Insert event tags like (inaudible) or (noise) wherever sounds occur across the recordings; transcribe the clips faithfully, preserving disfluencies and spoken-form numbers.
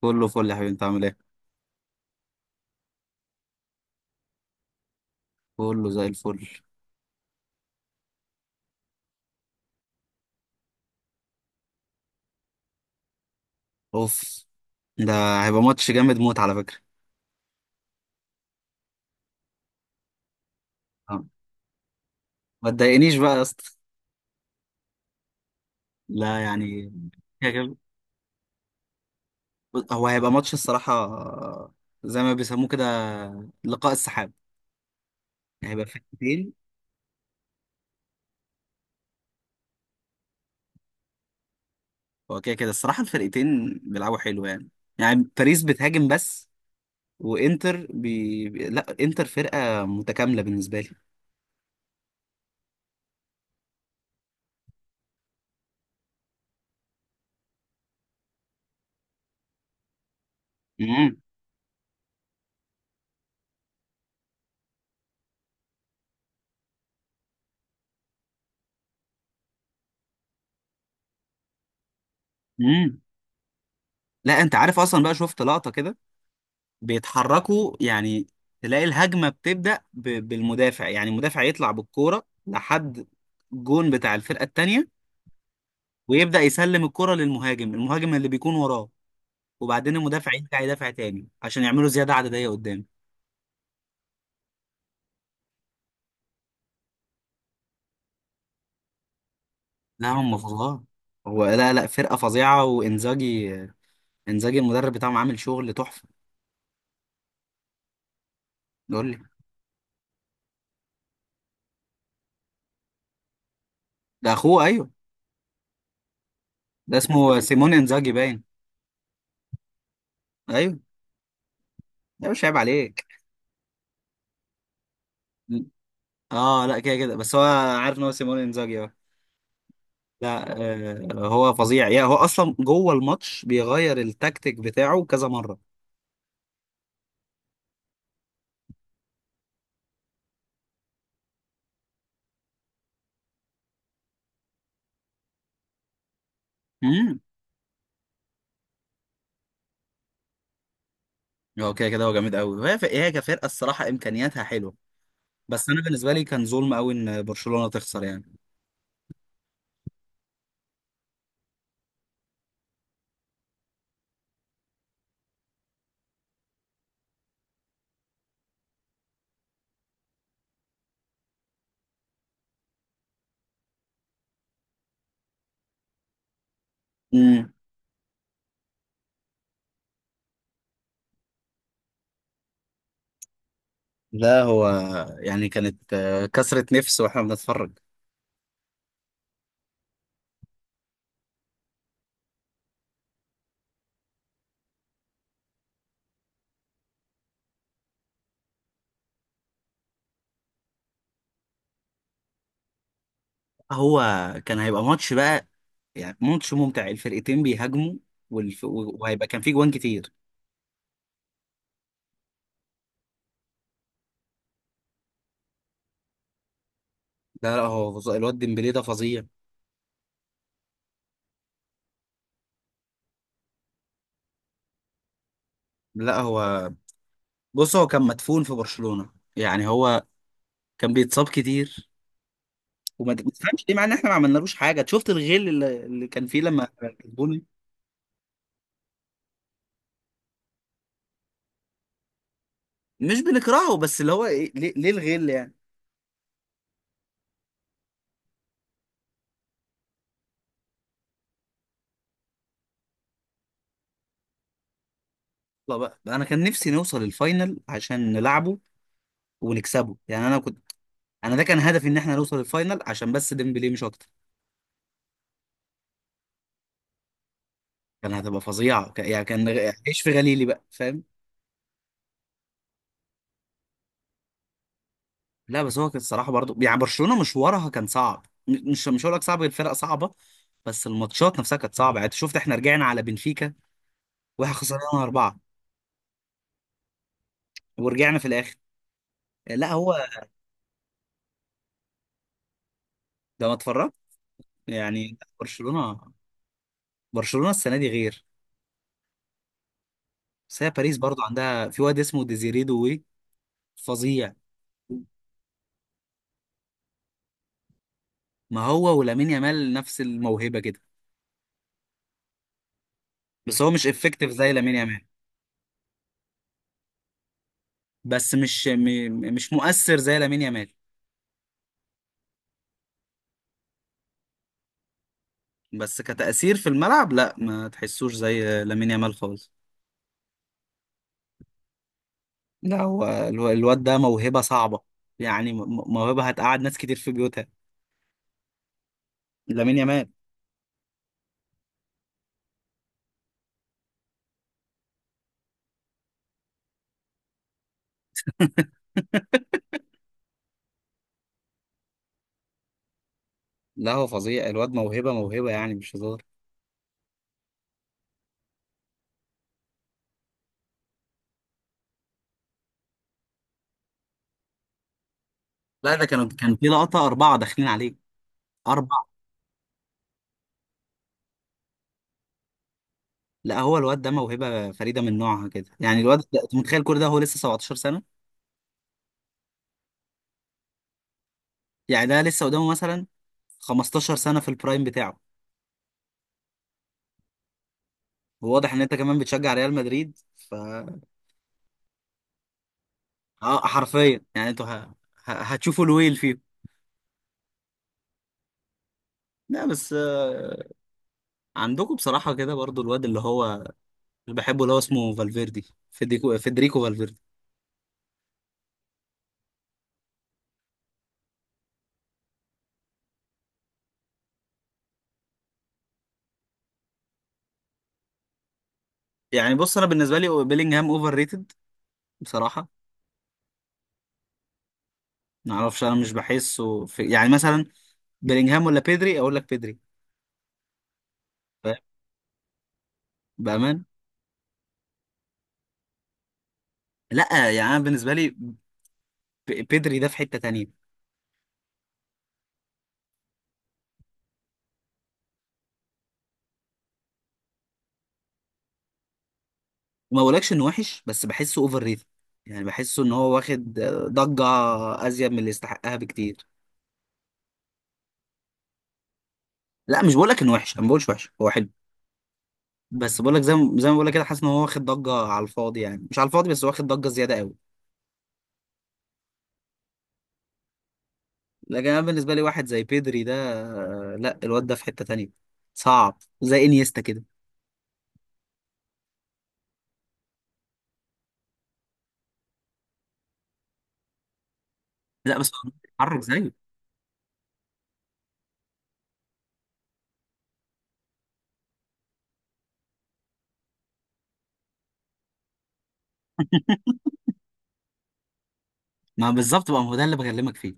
كله فل يا حبيبي، انت عامل ايه؟ كله زي الفل. اوف. ده هيبقى ماتش جامد موت على فكره. اه. ما تضايقنيش بقى يا اسطى. لا يعني كده كده. هو هيبقى ماتش الصراحه، زي ما بيسموه كده، لقاء السحاب. هيبقى فرقتين. هو كده كده الصراحه الفرقتين بيلعبوا حلو يعني. يعني باريس بتهاجم بس، وانتر بي... بي- لا، انتر فرقه متكامله بالنسبه لي. امم. امم. لا انت عارف، اصلا بقى شفت لقطه كده، بيتحركوا يعني. تلاقي الهجمة بتبدأ ب- بالمدافع. يعني المدافع يطلع بالكورة لحد الجون بتاع الفرقة التانية، ويبدأ يسلم الكرة للمهاجم. المهاجم اللي بيكون وراه، وبعدين المدافع يرجع يدافع تاني عشان يعملوا زيادة عددية قدام. لا هم فظاع. هو لا لا، فرقة فظيعة، وانزاجي، انزاجي المدرب بتاعهم عامل شغل تحفة. يقول لي. ده اخوه، ايوه. ده اسمه سيمون انزاجي باين. ايوه. ده مش عيب عليك. اه لا، كده كده بس هو عارف ان هو سيمون انزاجي، اه. لا. آه، هو فظيع. يعني هو اصلا جوه الماتش بيغير التكتيك بتاعه كذا مره. امم. هو كده كده، هو جامد قوي. هي هي كفرقه الصراحه امكانياتها حلوه. بس انا بالنسبه لي كان ظلم قوي ان برشلونه تخسر يعني. امم. لا هو يعني كانت، آه، كسرة نفس واحنا بنتفرج. هو كان هيبقى ماتش بقى. يعني ماتش ممتع، الفرقتين بيهاجموا. والف... وهيبقى كان فيه جوان كتير. لا لا، هو فظ- الواد ديمبلي ده فظيع. لا هو بص، هو كان مدفون في برشلونة. يعني هو كان بيتصاب كتير، وما ما تفهمش ليه، مع ان احنا ما عملنالوش حاجه. أنت شفت الغل اللي, اللي كان فيه لما كسبونا. مش بنكرهه، بس اللي هو إيه، ليه, ليه الغل يعني. يلا بقى، انا كان نفسي نوصل الفاينل عشان نلعبه ونكسبه يعني. انا كنت، انا ده كان هدفي ان احنا نوصل الفاينل عشان بس ديمبلي، مش اكتر. كان هتبقى فظيعه، ك- يعني كان، ايش في غليلي بقى، فاهم. لا بس هو كان الصراحه برضو، يعني برشلونه مشوارها كان صعب. م- مش مش هقول لك صعب، الفرق صعبه. بس الماتشات نفسها كانت صعبه. يعني أنت شفت احنا رجعنا على بنفيكا واحنا خسرنا أربعة، ورجعنا في الاخر. لا هو، ده ما اتفرجت. يعني برشلونه، برشلونه السنه دي غير. بس هي باريس برضو عندها في واد اسمه ديزيري دوي، فظيع. ما هو ولامين يامال نفس الموهبه كده، بس هو مش افكتيف زي لامين يامال. بس مش م... مش مؤثر زي لامين يامال. بس كتأثير في الملعب، لا ما تحسوش زي لامين يامال خالص. لا هو الو- الواد ده موهبه صعبه. يعني م- م- موهبه هتقعد ناس كتير في بيوتها. لامين يامال. (laughs) لا هو فظيع، الواد موهبه موهبه، يعني مش هزار. لا ده كانوا كان في لقطة أربعة داخلين عليه. أربعة. لا هو الواد ده موهبة فريدة من نوعها كده. يعني الواد ده، أنت متخيل كل ده هو لسه سبعة عشر سنة؟ يعني ده لسه قدامه مثلا خمسة عشر سنة في البرايم بتاعه. وواضح إن أنت كمان بتشجع ريال مدريد، ف آه، حرفيا يعني أنتوا ه... ه... هتشوفوا الويل فيه. لا بس، آه، عندكم بصراحة كده برضو الواد اللي هو، اللي بحبه، اللي هو اسمه فالفيردي. فيديكو فيدريكو فالفيردي. يعني بص، أنا بالنسبة لي بيلينجهام أوفر ريتد، بصراحة. ما اعرفش، انا مش بحسه في، يعني مثلا بلينجهام ولا بيدري، اقول لك بيدري. ف- بامان. لا يعني انا بالنسبه لي، ب- بيدري ده في حته تانية. وما بقولكش انه وحش، بس بحسه اوفر ريتد. يعني بحسه ان هو واخد آه، ضجه ازيد من اللي يستحقها بكتير. لا مش بقولك انه وحش، انا ما بقولش وحش، هو حلو. بس بقولك، زي ما زي ما بقولك كده، حاسس ان هو واخد ضجه على الفاضي. يعني مش على الفاضي، بس واخد ضجه زياده قوي. لكن انا بالنسبه لي واحد زي بيدري ده، آه، لا الواد ده في حته تانية، صعب زي انيستا كده. لا بس هو بيتحرك زيه. ما بالظبط بقى، ما هو ده اللي بكلمك فيه.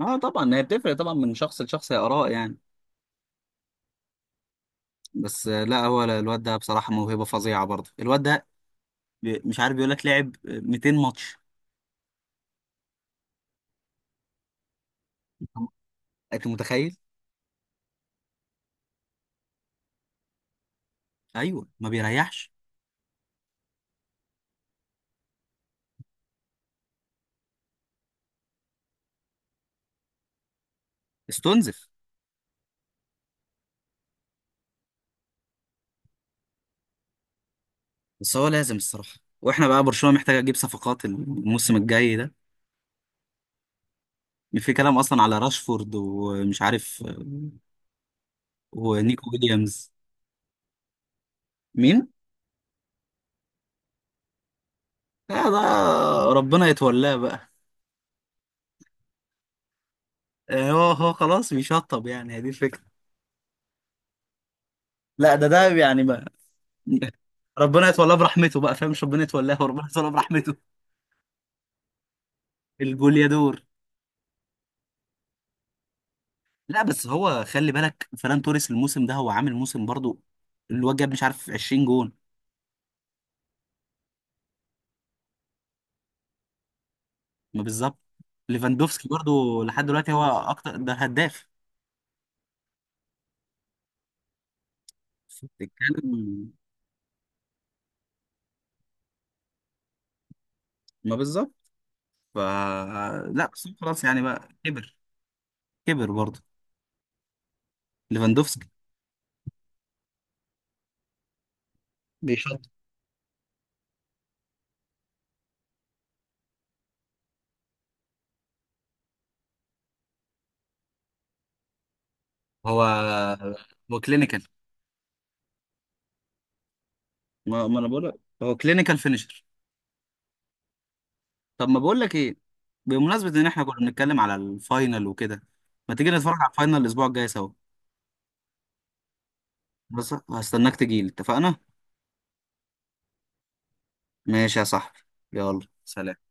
اه طبعا، هي بتفرق طبعا من شخص لشخص، هي اراء يعني. بس آه، لا هو الواد ده بصراحه موهبه فظيعه برضه. الواد ده ب- مش عارف، بيقول لك لعب ميتين ماتش. انت متخيل؟ ايوه ما بيريحش، استنزف. بس هو لازم الصراحه، واحنا بقى برشلونه محتاجه تجيب صفقات الموسم الجاي ده. في كلام اصلا على راشفورد، ومش عارف، آه، ونيكو ويليامز. مين؟ آه ده، ربنا يتولاه بقى. آه، هو هو خلاص بيشطب يعني، هي دي الفكره. لا ده ده يعني، ربنا يتولاه برحمته بقى، فاهم؟ مش ربنا يتولاه، وربنا يتولاه برحمته. الجوليادور. لا بس هو خلي بالك، فران توريس الموسم ده هو عامل موسم برضو. الواد جاب مش عارف عشرين جون. ما بالظبط. ليفاندوفسكي برضو لحد دلوقتي هو اكتر ده هداف. بتتكلم. ما بالظبط. ف لا بس هو خلاص، يعني بقى كبر، كبر برضه. ليفاندوفسكي. بيشط. هو هو كلينيكال. ما ما انا بقول لك، هو كلينيكال فينيشر. طب ما بقول لك ايه، بمناسبة ان احنا كنا بنتكلم على الفاينل وكده، ما تيجي نتفرج على الفاينل الاسبوع الجاي سوا؟ بس هستناك تجيلي، اتفقنا؟ ماشي يا صاحبي، يلا سلام.